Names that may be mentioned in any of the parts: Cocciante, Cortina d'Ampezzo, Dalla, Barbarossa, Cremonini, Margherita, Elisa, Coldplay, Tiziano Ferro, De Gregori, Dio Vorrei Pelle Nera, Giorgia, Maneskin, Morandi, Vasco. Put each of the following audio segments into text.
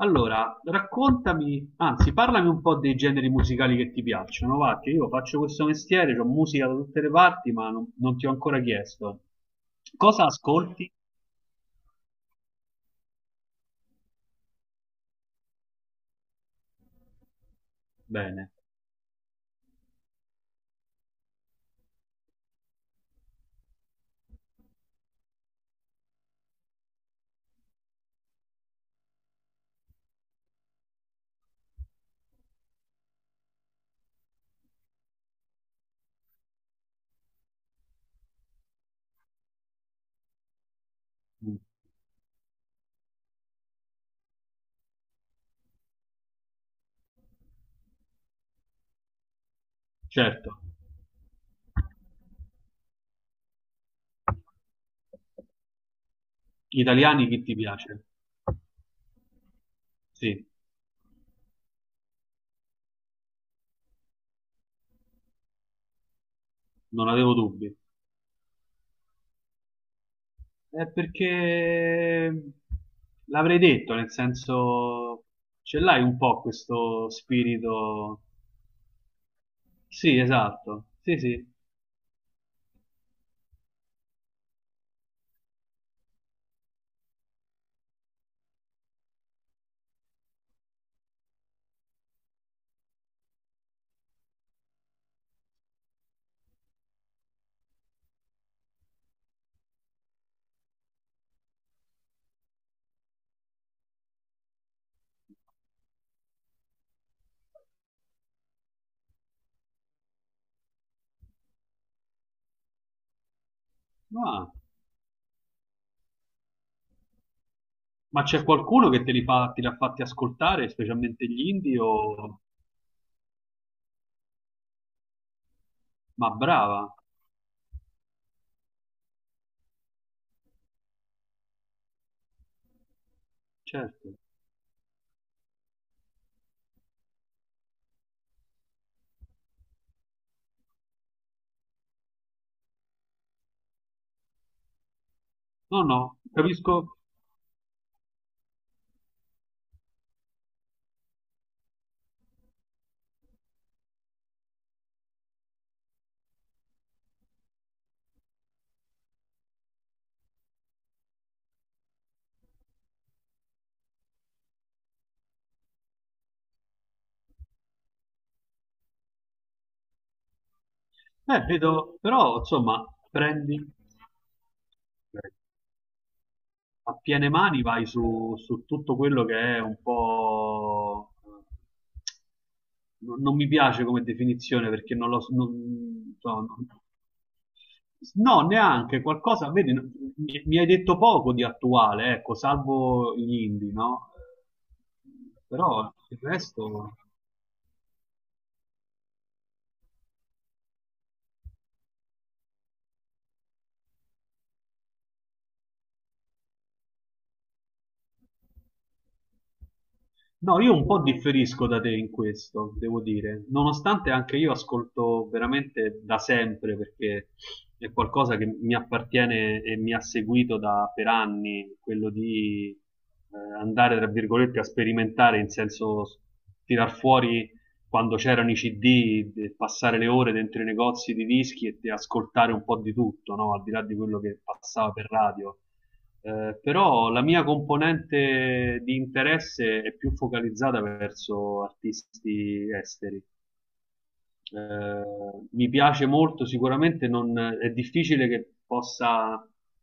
Allora, raccontami, anzi, parlami un po' dei generi musicali che ti piacciono, va, che io faccio questo mestiere, ho musica da tutte le parti, ma non ti ho ancora chiesto. Cosa ascolti? Bene. Mm, certo. Italiani chi ti piace? Sì, non avevo dubbi. È perché l'avrei detto, nel senso, ce l'hai un po' questo spirito. Sì, esatto. Sì, sì. Ah. Ma c'è qualcuno che te li ha fatti ascoltare, specialmente gli indie o... Ma brava, certo. No, no, capisco. Vedo, però, insomma, prendi. A piene mani vai su tutto quello che è un po'... Non mi piace come definizione perché non lo so. Non, insomma, No, neanche qualcosa, vedi, mi hai detto poco di attuale, ecco, salvo gli indie, no? Però il resto... No, io un po' differisco da te in questo, devo dire, nonostante anche io ascolto veramente da sempre, perché è qualcosa che mi appartiene e mi ha seguito per anni, quello di andare, tra virgolette, a sperimentare, tirar fuori quando c'erano i CD, passare le ore dentro i negozi di dischi e ascoltare un po' di tutto, no? Al di là di quello che passava per radio. Però la mia componente di interesse è più focalizzata verso artisti esteri. Eh, Mi piace molto, sicuramente non, è difficile che possa,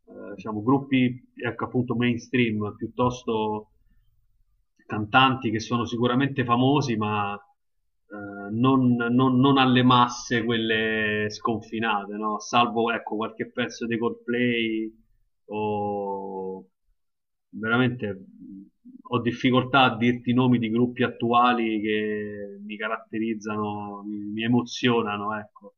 diciamo, gruppi ecco, appunto mainstream, piuttosto cantanti che sono sicuramente famosi, ma non alle masse quelle sconfinate, no? Salvo ecco, qualche pezzo di Coldplay o veramente ho difficoltà a dirti i nomi di gruppi attuali che mi caratterizzano, mi emozionano, ecco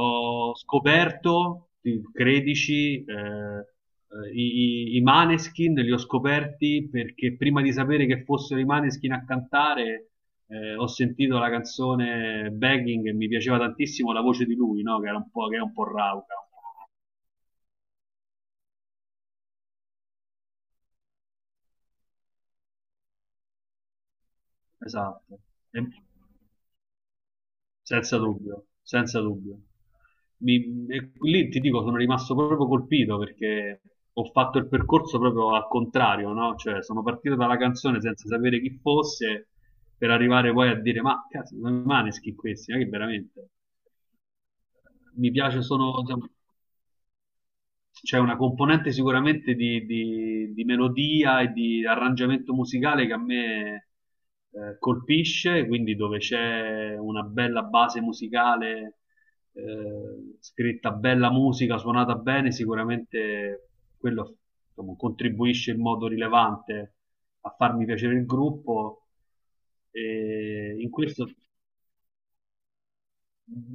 ho scoperto, credici, i Maneskin li ho scoperti perché prima di sapere che fossero i Maneskin a cantare, ho sentito la canzone Begging e mi piaceva tantissimo la voce di lui, no? Che è un po' rauca. Esatto. E- Senza dubbio, senza dubbio. E lì ti dico, sono rimasto proprio colpito perché ho fatto il percorso proprio al contrario, no? Cioè, sono partito dalla canzone senza sapere chi fosse per arrivare poi a dire, ma cazzo, sono i Maneskin questi, ma che veramente mi piace, sono c'è una componente sicuramente di melodia e di arrangiamento musicale che a me colpisce, quindi dove c'è una bella base musicale, scritta bella musica, suonata bene, sicuramente quello insomma, contribuisce in modo rilevante a farmi piacere il gruppo. E in questo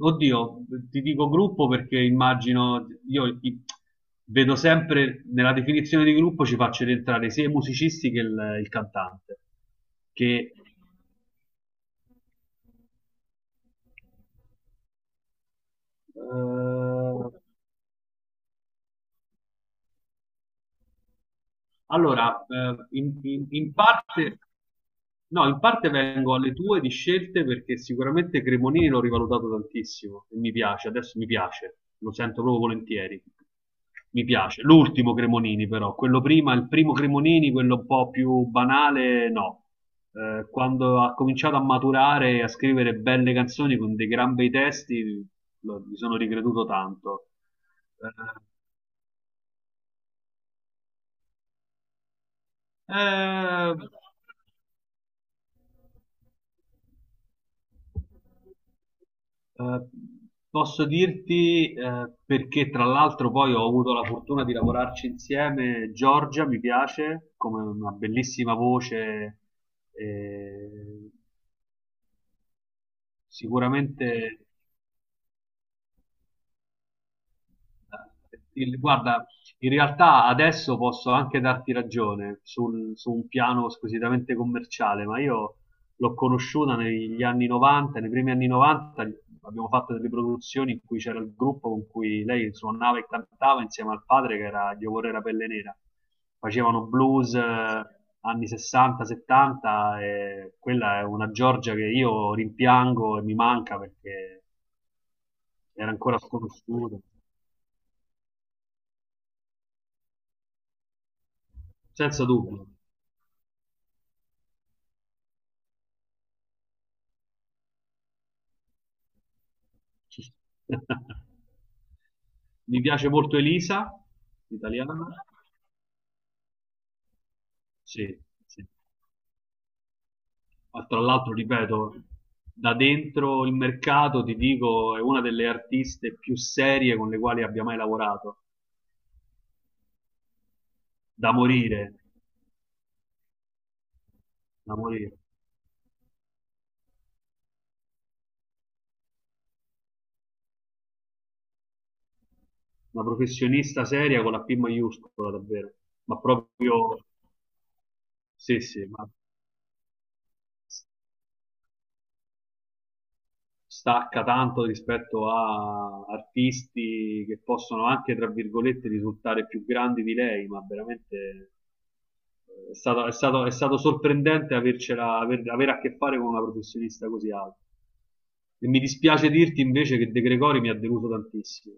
Oddio, ti dico gruppo perché immagino, vedo sempre nella definizione di gruppo ci faccio rientrare sia i musicisti che il cantante, che eh, Allora, in, in parte, no, in parte vengo alle tue di scelte perché sicuramente Cremonini l'ho rivalutato tantissimo e mi piace, adesso mi piace, lo sento proprio volentieri. Mi piace. L'ultimo Cremonini però, quello prima, il primo Cremonini, quello un po' più banale, no. Quando ha cominciato a maturare e a scrivere belle canzoni con dei gran bei testi, mi sono ricreduto tanto. Eh, eh, Eh, Posso dirti, perché tra l'altro poi ho avuto la fortuna di lavorarci insieme, Giorgia mi piace come una bellissima voce, eh, sicuramente guarda, in realtà adesso posso anche darti ragione su un piano squisitamente commerciale, ma io l'ho conosciuta negli anni 90, nei primi anni 90 abbiamo fatto delle produzioni in cui c'era il gruppo con cui lei suonava e cantava insieme al padre che era Dio Vorrei Pelle Nera. Facevano blues anni 60, 70 e quella è una Giorgia che io rimpiango e mi manca perché era ancora sconosciuta, senza dubbio. Ci sta. Mi piace molto Elisa, italiana. Sì, sì. Ma tra l'altro, ripeto, da dentro il mercato ti dico, è una delle artiste più serie con le quali abbia mai lavorato. Da morire, da morire. Una professionista seria con la P maiuscola, davvero. Ma proprio, sì, sì, ma stacca tanto rispetto a artisti che possono anche, tra virgolette, risultare più grandi di lei, ma veramente è stato sorprendente avercela, avere a che fare con una professionista così alta. E mi dispiace dirti invece che De Gregori mi ha deluso tantissimo.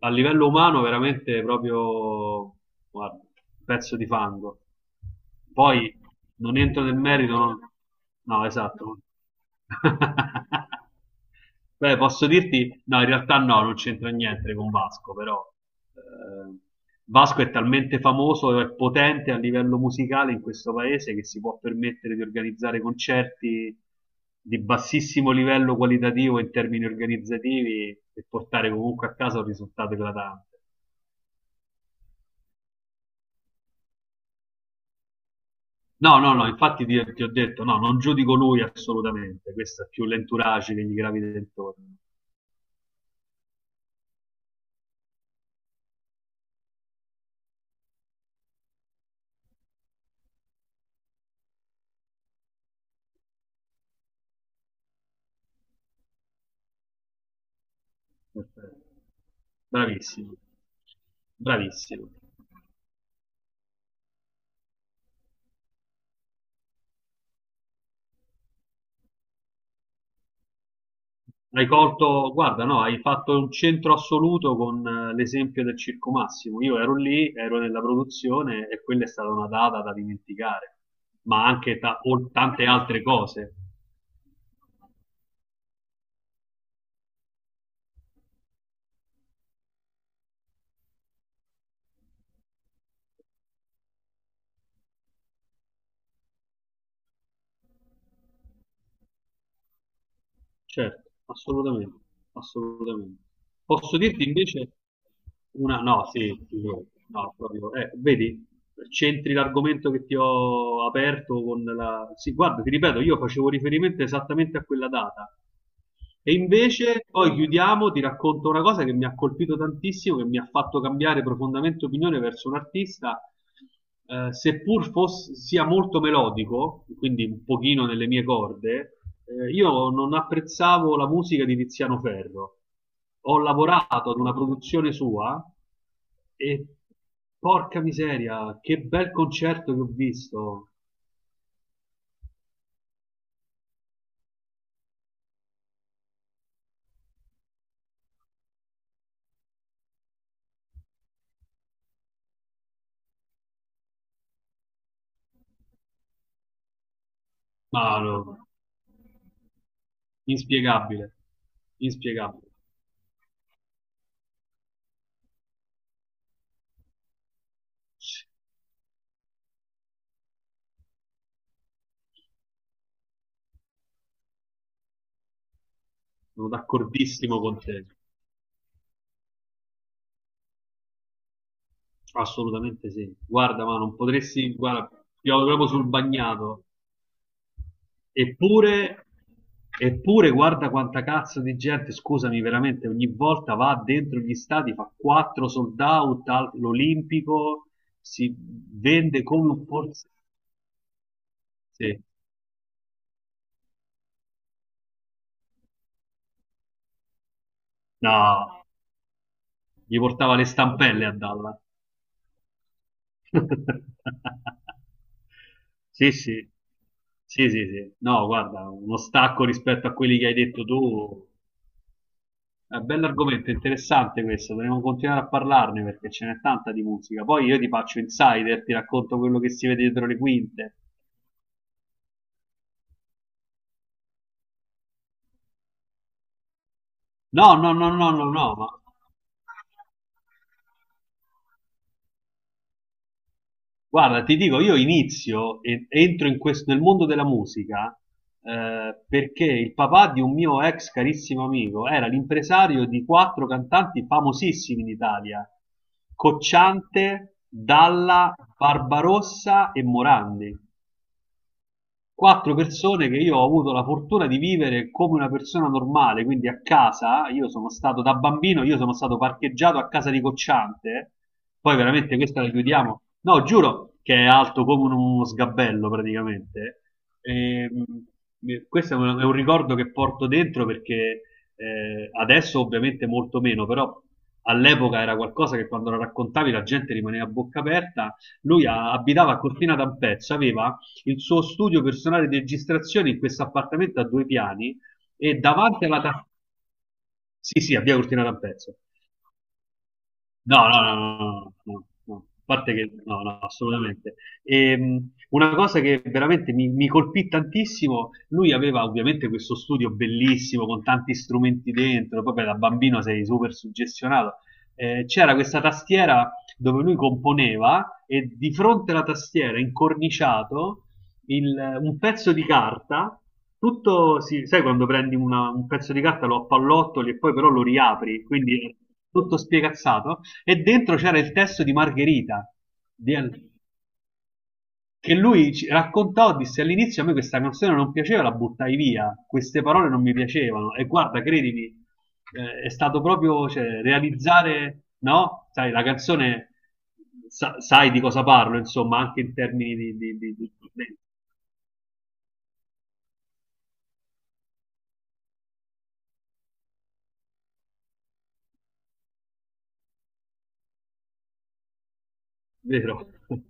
A livello umano veramente proprio guarda, un pezzo di fango. Poi non entro nel merito, no, esatto. Beh, posso dirti no, in realtà no, non c'entra niente con Vasco, però eh, Vasco è talmente famoso e potente a livello musicale in questo paese che si può permettere di organizzare concerti di bassissimo livello qualitativo in termini organizzativi e portare comunque a casa un risultato eclatante. No, no, no, infatti ti ho detto, no, non giudico lui assolutamente, questo è più l'entourage che gli gravita intorno. Perfetto. Bravissimo, bravissimo. Hai colto, guarda, no, hai fatto un centro assoluto con l'esempio del Circo Massimo. Io ero lì, ero nella produzione e quella è stata una data da dimenticare, ma anche tante altre cose. Certo, assolutamente, assolutamente. Posso dirti invece una, no, sì, figurati, no, no, proprio, vedi, c'entri l'argomento che ti ho aperto con la... Sì, guarda, ti ripeto, io facevo riferimento esattamente a quella data. E invece, poi chiudiamo, ti racconto una cosa che mi ha colpito tantissimo, che mi ha fatto cambiare profondamente opinione verso un artista sia molto melodico, quindi un pochino nelle mie corde, io non apprezzavo la musica di Tiziano Ferro. Ho lavorato ad una produzione sua e porca miseria, che bel concerto che ho visto. Ma no, inspiegabile, inspiegabile. Sono d'accordissimo con te. Assolutamente sì. Guarda, ma non potresti, guarda, piove proprio sul bagnato. Eppure, eppure guarda quanta cazzo di gente, scusami veramente, ogni volta va dentro gli stadi, fa quattro sold out all'Olimpico, si vende come forse... Sì. No, gli portava le stampelle a Dalla. Sì, sì, sì, sì, sì. No, guarda, uno stacco rispetto a quelli che hai detto tu. È un bell'argomento, interessante questo, dovremmo continuare a parlarne perché ce n'è tanta di musica. Poi io ti faccio insider, ti racconto quello che si vede dietro le quinte. No, no, no, no, no, no, ma guarda, ti dico, io inizio e entro in questo, nel mondo della musica perché il papà di un mio ex carissimo amico era l'impresario di quattro cantanti famosissimi in Italia, Cocciante, Dalla, Barbarossa e Morandi. Quattro persone che io ho avuto la fortuna di vivere come una persona normale, quindi a casa, io sono stato da bambino, io sono stato parcheggiato a casa di Cocciante, poi veramente questa la chiudiamo, no, giuro che è alto come uno sgabello praticamente. Ehm, Questo è un ricordo che porto dentro perché adesso ovviamente molto meno, però all'epoca era qualcosa che quando lo raccontavi la gente rimaneva a bocca aperta. Lui abitava a Cortina d'Ampezzo, aveva il suo studio personale di registrazione in questo appartamento a due piani e Sì, sì, a via Cortina d'Ampezzo. No, no, no, no, no, no. No. A parte che no, no, assolutamente. Una cosa che veramente mi colpì tantissimo, lui aveva ovviamente questo studio bellissimo con tanti strumenti dentro, poi beh, da bambino sei super suggestionato. C'era questa tastiera dove lui componeva e di fronte alla tastiera, incorniciato, un pezzo di carta, tutto, sai quando prendi un pezzo di carta, lo appallottoli e poi però lo riapri, quindi tutto spiegazzato. E dentro c'era il testo di Margherita, di Al- che lui ci raccontò, disse all'inizio a me questa canzone non piaceva, la buttai via, queste parole non mi piacevano. E guarda, credimi, è stato proprio cioè, realizzare, no? Sai, la canzone, sai di cosa parlo, insomma, anche in termini di... vero?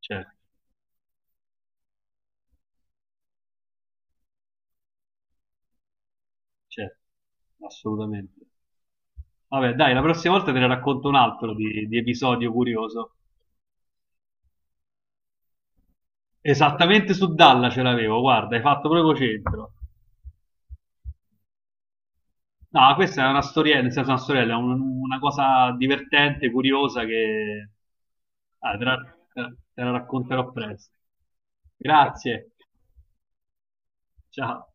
Certo, certo, assolutamente. Vabbè, dai, la prossima volta te ne racconto un altro di episodio curioso. Esattamente su Dalla ce l'avevo, guarda, hai fatto proprio centro. No, questa è una storiella, nel senso una storiella, una cosa divertente, curiosa che ah, te la, te la- te la racconterò presto. Grazie, ciao.